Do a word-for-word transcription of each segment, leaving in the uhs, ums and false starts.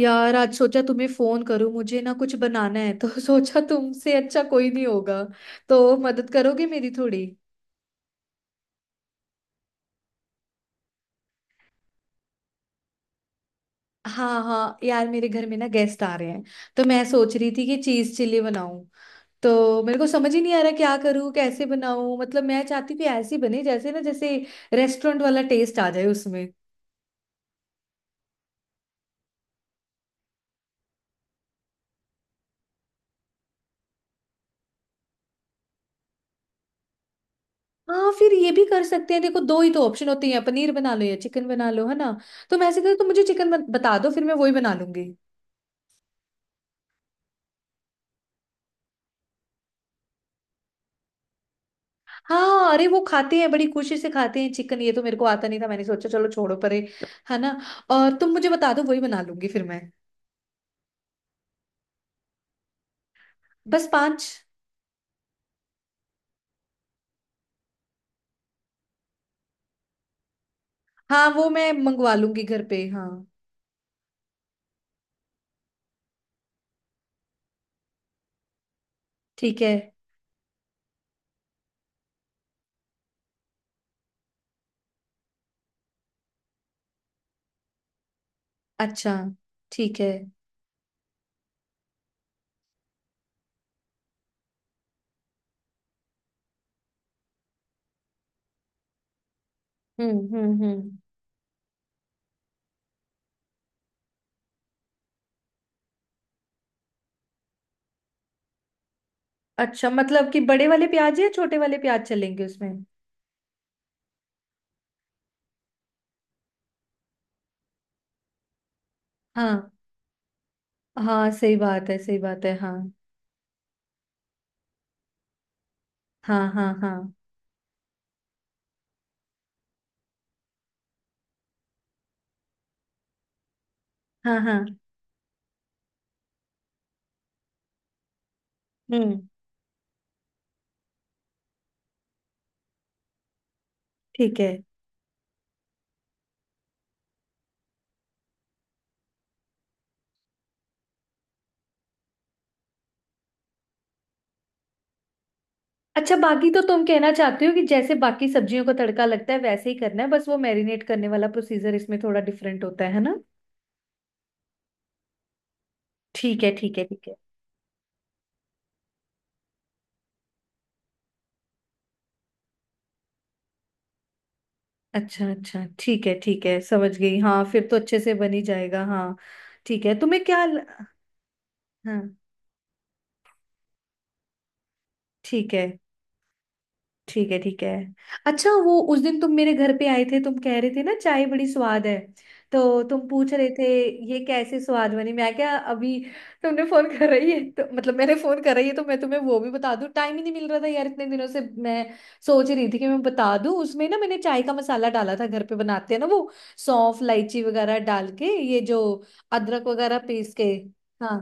यार आज सोचा तुम्हें फोन करूं। मुझे ना कुछ बनाना है तो सोचा तुमसे अच्छा कोई नहीं होगा। तो मदद करोगे मेरी थोड़ी। हाँ हाँ यार मेरे घर में ना गेस्ट आ रहे हैं। तो मैं सोच रही थी कि चीज चिल्ली बनाऊं। तो मेरे को समझ ही नहीं आ रहा क्या करूं कैसे बनाऊं। मतलब मैं चाहती हूँ कि ऐसी बने जैसे ना जैसे रेस्टोरेंट वाला टेस्ट आ जाए उसमें। हाँ फिर ये भी कर सकते हैं। देखो दो ही तो ऑप्शन होते हैं, पनीर बना लो या चिकन बना लो, है ना। तो मैं ऐसे करो तो मुझे चिकन बता दो, फिर मैं वही बना लूंगी। हाँ, अरे वो खाते हैं, बड़ी खुशी से खाते हैं चिकन। ये तो मेरे को आता नहीं था, मैंने सोचा चलो छोड़ो परे, है ना। और तुम मुझे बता दो, वही बना लूंगी फिर मैं। बस पांच। हाँ वो मैं मंगवा लूंगी घर पे, हाँ। ठीक है। अच्छा। ठीक है। हम्म हम्म हम्म। अच्छा मतलब कि बड़े वाले प्याज या छोटे वाले प्याज चलेंगे उसमें। हाँ हाँ सही बात है, सही बात है, हाँ हाँ हाँ हाँ हाँ हाँ। हम्म। ठीक है। अच्छा बाकी तो तुम कहना चाहते हो कि जैसे बाकी सब्जियों का तड़का लगता है वैसे ही करना है, बस वो मैरिनेट करने वाला प्रोसीजर इसमें थोड़ा डिफरेंट होता है है ना। ठीक है ठीक है ठीक है। अच्छा अच्छा ठीक है ठीक है, समझ गई हाँ। फिर तो अच्छे से बन ही जाएगा, हाँ। ठीक है तुम्हें क्या ल-। हाँ। ठीक है ठीक है ठीक है। अच्छा वो उस दिन तुम मेरे घर पे आए थे, तुम कह रहे थे ना चाय बड़ी स्वाद है। तो तुम पूछ रहे थे ये कैसे स्वाद बनी। मैं क्या अभी तुमने फोन कर रही है तो मतलब मैंने फोन कर रही है तो मैं तुम्हें वो भी बता दूं। टाइम ही नहीं मिल रहा था यार इतने दिनों से। मैं सोच रही थी कि मैं बता दूं। उसमें ना मैंने चाय का मसाला डाला था, घर पे बनाते हैं ना वो, सौंफ इलायची वगैरह डाल के, ये जो अदरक वगैरह पीस के। हाँ।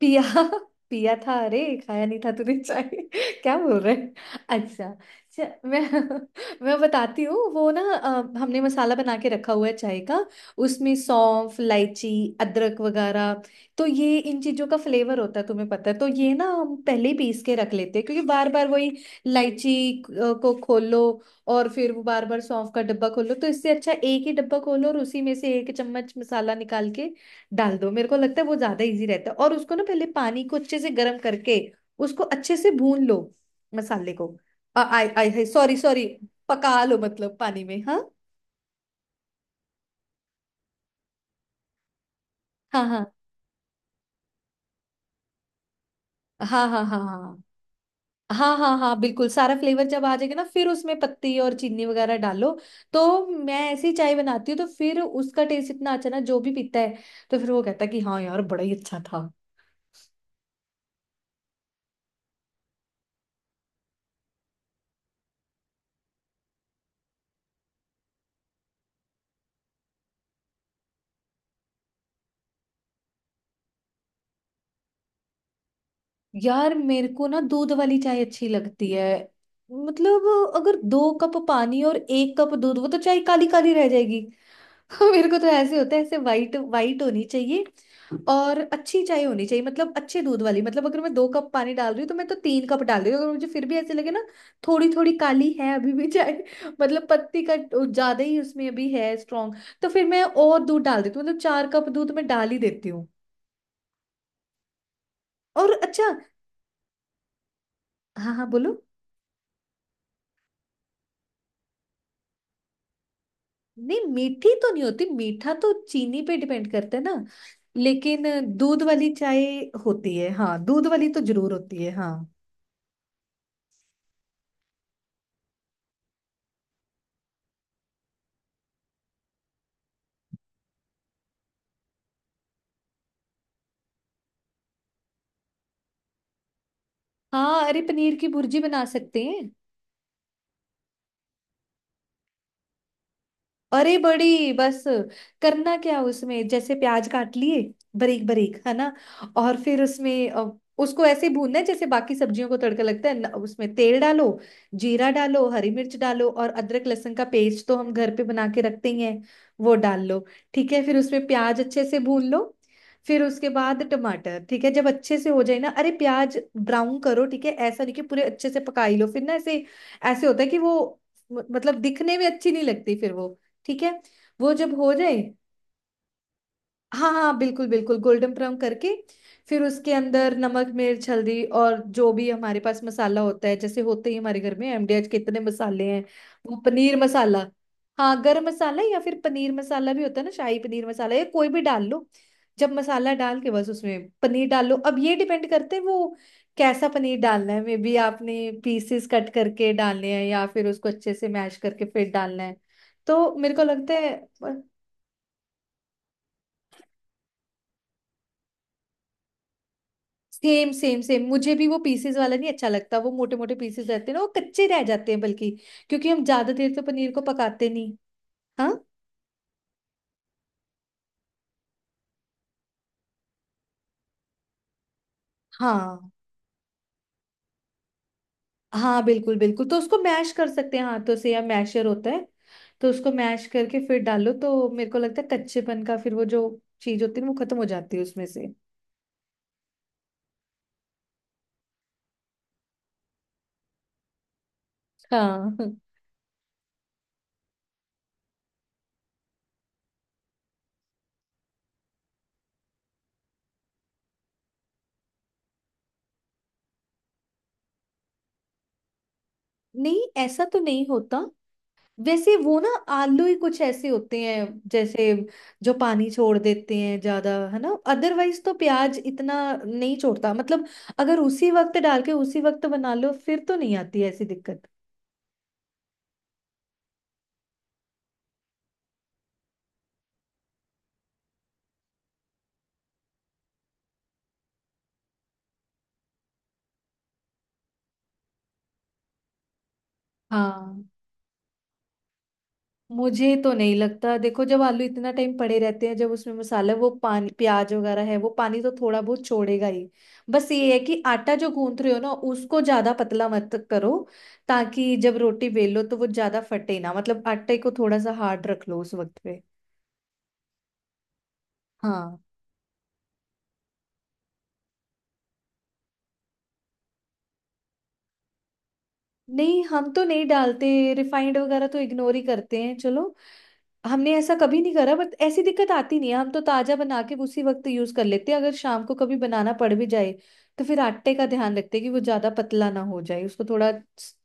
पिया पिया था। अरे खाया नहीं था तूने चाय क्या बोल रहे हैं? अच्छा। च- मैं मैं बताती हूँ। वो ना अ, हमने मसाला बना के रखा हुआ है चाय का। उसमें सौंफ इलायची अदरक वगैरह, तो ये इन चीजों का फ्लेवर होता है, तुम्हें पता है। तो ये ना हम पहले ही पीस के रख लेते हैं, क्योंकि बार बार वही इलायची अ, को खोलो और फिर वो बार बार सौंफ का डब्बा खोलो। तो इससे अच्छा एक ही डब्बा खोलो, और उसी में से एक चम्मच मसाला निकाल के डाल दो। मेरे को लगता है वो ज्यादा इजी रहता है। और उसको ना पहले पानी को अच्छे से गर्म करके उसको अच्छे से भून लो, मसाले को। आ, आई आई आई सॉरी सॉरी। पका लो मतलब पानी में, हाँ हाँ हाँ हाँ हाँ हाँ। हाँ हाँ हाँ हाँ बिल्कुल सारा फ्लेवर जब आ जाएगा ना फिर उसमें पत्ती और चीनी वगैरह डालो। तो मैं ऐसी चाय बनाती हूँ तो फिर उसका टेस्ट इतना अच्छा ना, जो भी पीता है तो फिर वो कहता है कि हाँ यार बड़ा ही अच्छा था। यार मेरे को ना दूध वाली चाय अच्छी लगती है। मतलब अगर दो कप पानी और एक कप दूध, वो तो चाय काली काली रह जाएगी। मेरे को तो ऐसे होता है, ऐसे वाइट वाइट होनी चाहिए और अच्छी चाय होनी चाहिए, मतलब अच्छे दूध वाली। मतलब अगर मैं दो कप पानी डाल रही हूँ तो मैं तो तीन कप डाल रही हूँ। अगर मुझे फिर भी ऐसे लगे ना थोड़ी थोड़ी काली है अभी भी चाय, मतलब पत्ती का ज्यादा ही उसमें अभी है, स्ट्रांग, तो फिर मैं और दूध डाल देती हूँ। मतलब चार कप दूध मैं डाल ही देती हूँ। और अच्छा। हाँ हाँ बोलो। नहीं मीठी तो नहीं होती, मीठा तो चीनी पे डिपेंड करता है ना। लेकिन दूध वाली चाय होती है, हाँ दूध वाली तो जरूर होती है, हाँ। हाँ अरे पनीर की भुर्जी बना सकते हैं। अरे बड़ी बस, करना क्या उसमें। जैसे प्याज काट लिए बारीक बारीक, है ना। और फिर उसमें अ, उसको ऐसे भूनना है जैसे बाकी सब्जियों को तड़का लगता है। न- उसमें तेल डालो, जीरा डालो, हरी मिर्च डालो, और अदरक लहसुन का पेस्ट तो हम घर पे बना के रखते ही हैं, वो डाल लो। ठीक है फिर उसमें प्याज अच्छे से भून लो। फिर उसके बाद टमाटर, ठीक है जब अच्छे से हो जाए ना। अरे प्याज ब्राउन करो, ठीक है ऐसा नहीं कि पूरे अच्छे से पकाई लो फिर ना, ऐसे ऐसे होता है कि वो म- मतलब दिखने में अच्छी नहीं लगती फिर वो, ठीक है। वो जब हो जाए। हाँ हाँ बिल्कुल बिल्कुल गोल्डन ब्राउन करके फिर उसके अंदर नमक मिर्च हल्दी और जो भी हमारे पास मसाला होता है, जैसे होते ही हमारे घर में एम डी एच के इतने मसाले हैं, वो पनीर मसाला, हाँ गरम मसाला या फिर पनीर मसाला भी होता है ना, शाही पनीर मसाला, या कोई भी डाल लो। जब मसाला डाल के बस उसमें पनीर डाल लो। अब ये डिपेंड करते हैं वो कैसा पनीर डालना है, मे बी आपने पीसेस कट करके डालने हैं या फिर उसको अच्छे से मैश करके फिर डालना है। तो मेरे को लगता है सेम सेम सेम, मुझे भी वो पीसेस वाला नहीं अच्छा लगता। वो मोटे मोटे पीसेस रहते हैं ना वो कच्चे रह जाते हैं, बल्कि क्योंकि हम ज्यादा देर तो पनीर को पकाते नहीं। हाँ हाँ हाँ बिल्कुल बिल्कुल तो उसको मैश कर सकते हैं हाथों से या मैशर होता है। तो उसको मैश करके फिर डालो तो मेरे को लगता है कच्चेपन का फिर वो जो चीज होती है ना वो खत्म हो जाती है उसमें से। हाँ। नहीं ऐसा तो नहीं होता। वैसे वो ना आलू ही कुछ ऐसे होते हैं जैसे जो पानी छोड़ देते हैं ज्यादा, है ना। अदरवाइज तो प्याज इतना नहीं छोड़ता, मतलब अगर उसी वक्त डाल के उसी वक्त बना लो फिर तो नहीं आती ऐसी दिक्कत। हाँ। मुझे तो नहीं लगता, देखो जब आलू इतना टाइम पड़े रहते हैं जब उसमें मसाला वो पानी प्याज वगैरह है, वो पानी तो थोड़ा बहुत छोड़ेगा ही। बस ये है कि आटा जो गूंथ रहे हो ना उसको ज्यादा पतला मत करो, ताकि जब रोटी बेलो तो वो ज्यादा फटे ना। मतलब आटे को थोड़ा सा हार्ड रख लो उस वक्त पे। हाँ। नहीं हम तो नहीं डालते। रिफाइंड वगैरह तो इग्नोर ही करते हैं चलो। हमने ऐसा कभी नहीं करा, बट ऐसी दिक्कत आती नहीं है। हम तो ताजा बना के उसी वक्त यूज कर लेते हैं। अगर शाम को कभी बनाना पड़ भी जाए तो फिर आटे का ध्यान रखते हैं कि वो ज्यादा पतला ना हो जाए, उसको थोड़ा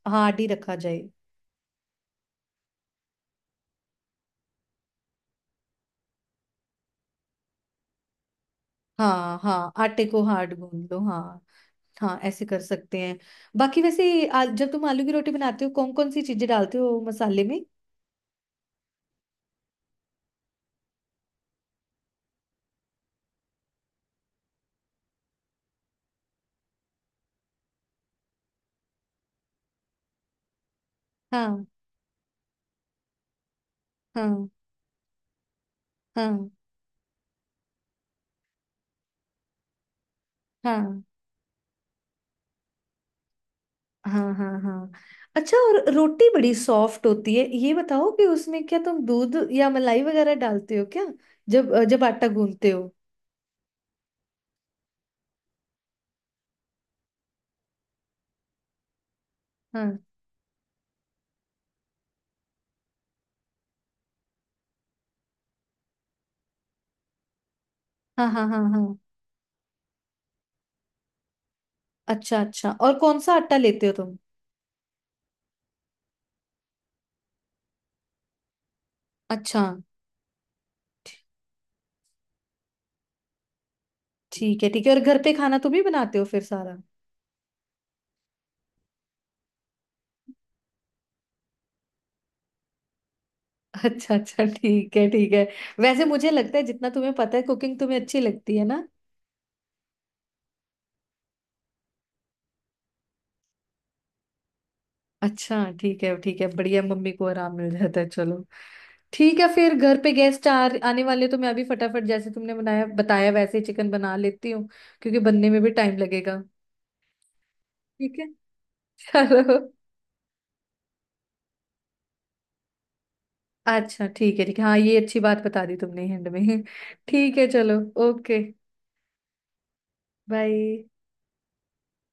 हार्ड ही रखा जाए। हाँ हाँ आटे को हार्ड गूंद लो, हाँ। हाँ ऐसे कर सकते हैं। बाकी वैसे आ, जब तुम आलू की रोटी बनाते हो कौन कौन सी चीजें डालते हो मसाले में। हाँ हाँ हाँ हाँ हाँ हाँ हाँ। अच्छा और रोटी बड़ी सॉफ्ट होती है, ये बताओ कि उसमें क्या तुम दूध या मलाई वगैरह डालते हो क्या, जब जब आटा गूंथते हो। हाँ हाँ हाँ हाँ हाँ। अच्छा अच्छा और कौन सा आटा लेते हो तुम। अच्छा ठीक है ठीक है, और घर पे खाना तुम ही बनाते हो फिर सारा। अच्छा अच्छा ठीक है ठीक है। वैसे मुझे लगता है जितना तुम्हें पता है कुकिंग तुम्हें अच्छी लगती है ना। अच्छा ठीक है ठीक है, बढ़िया मम्मी को आराम मिल जाता है चलो। ठीक है फिर घर पे गेस्ट आ आने वाले तो मैं अभी फटाफट जैसे तुमने बनाया बताया वैसे ही चिकन बना लेती हूँ, क्योंकि बनने में भी टाइम लगेगा। ठीक है चलो। अच्छा ठीक है ठीक है, हाँ ये अच्छी बात बता दी तुमने एंड में। ठीक है चलो। Okay bye.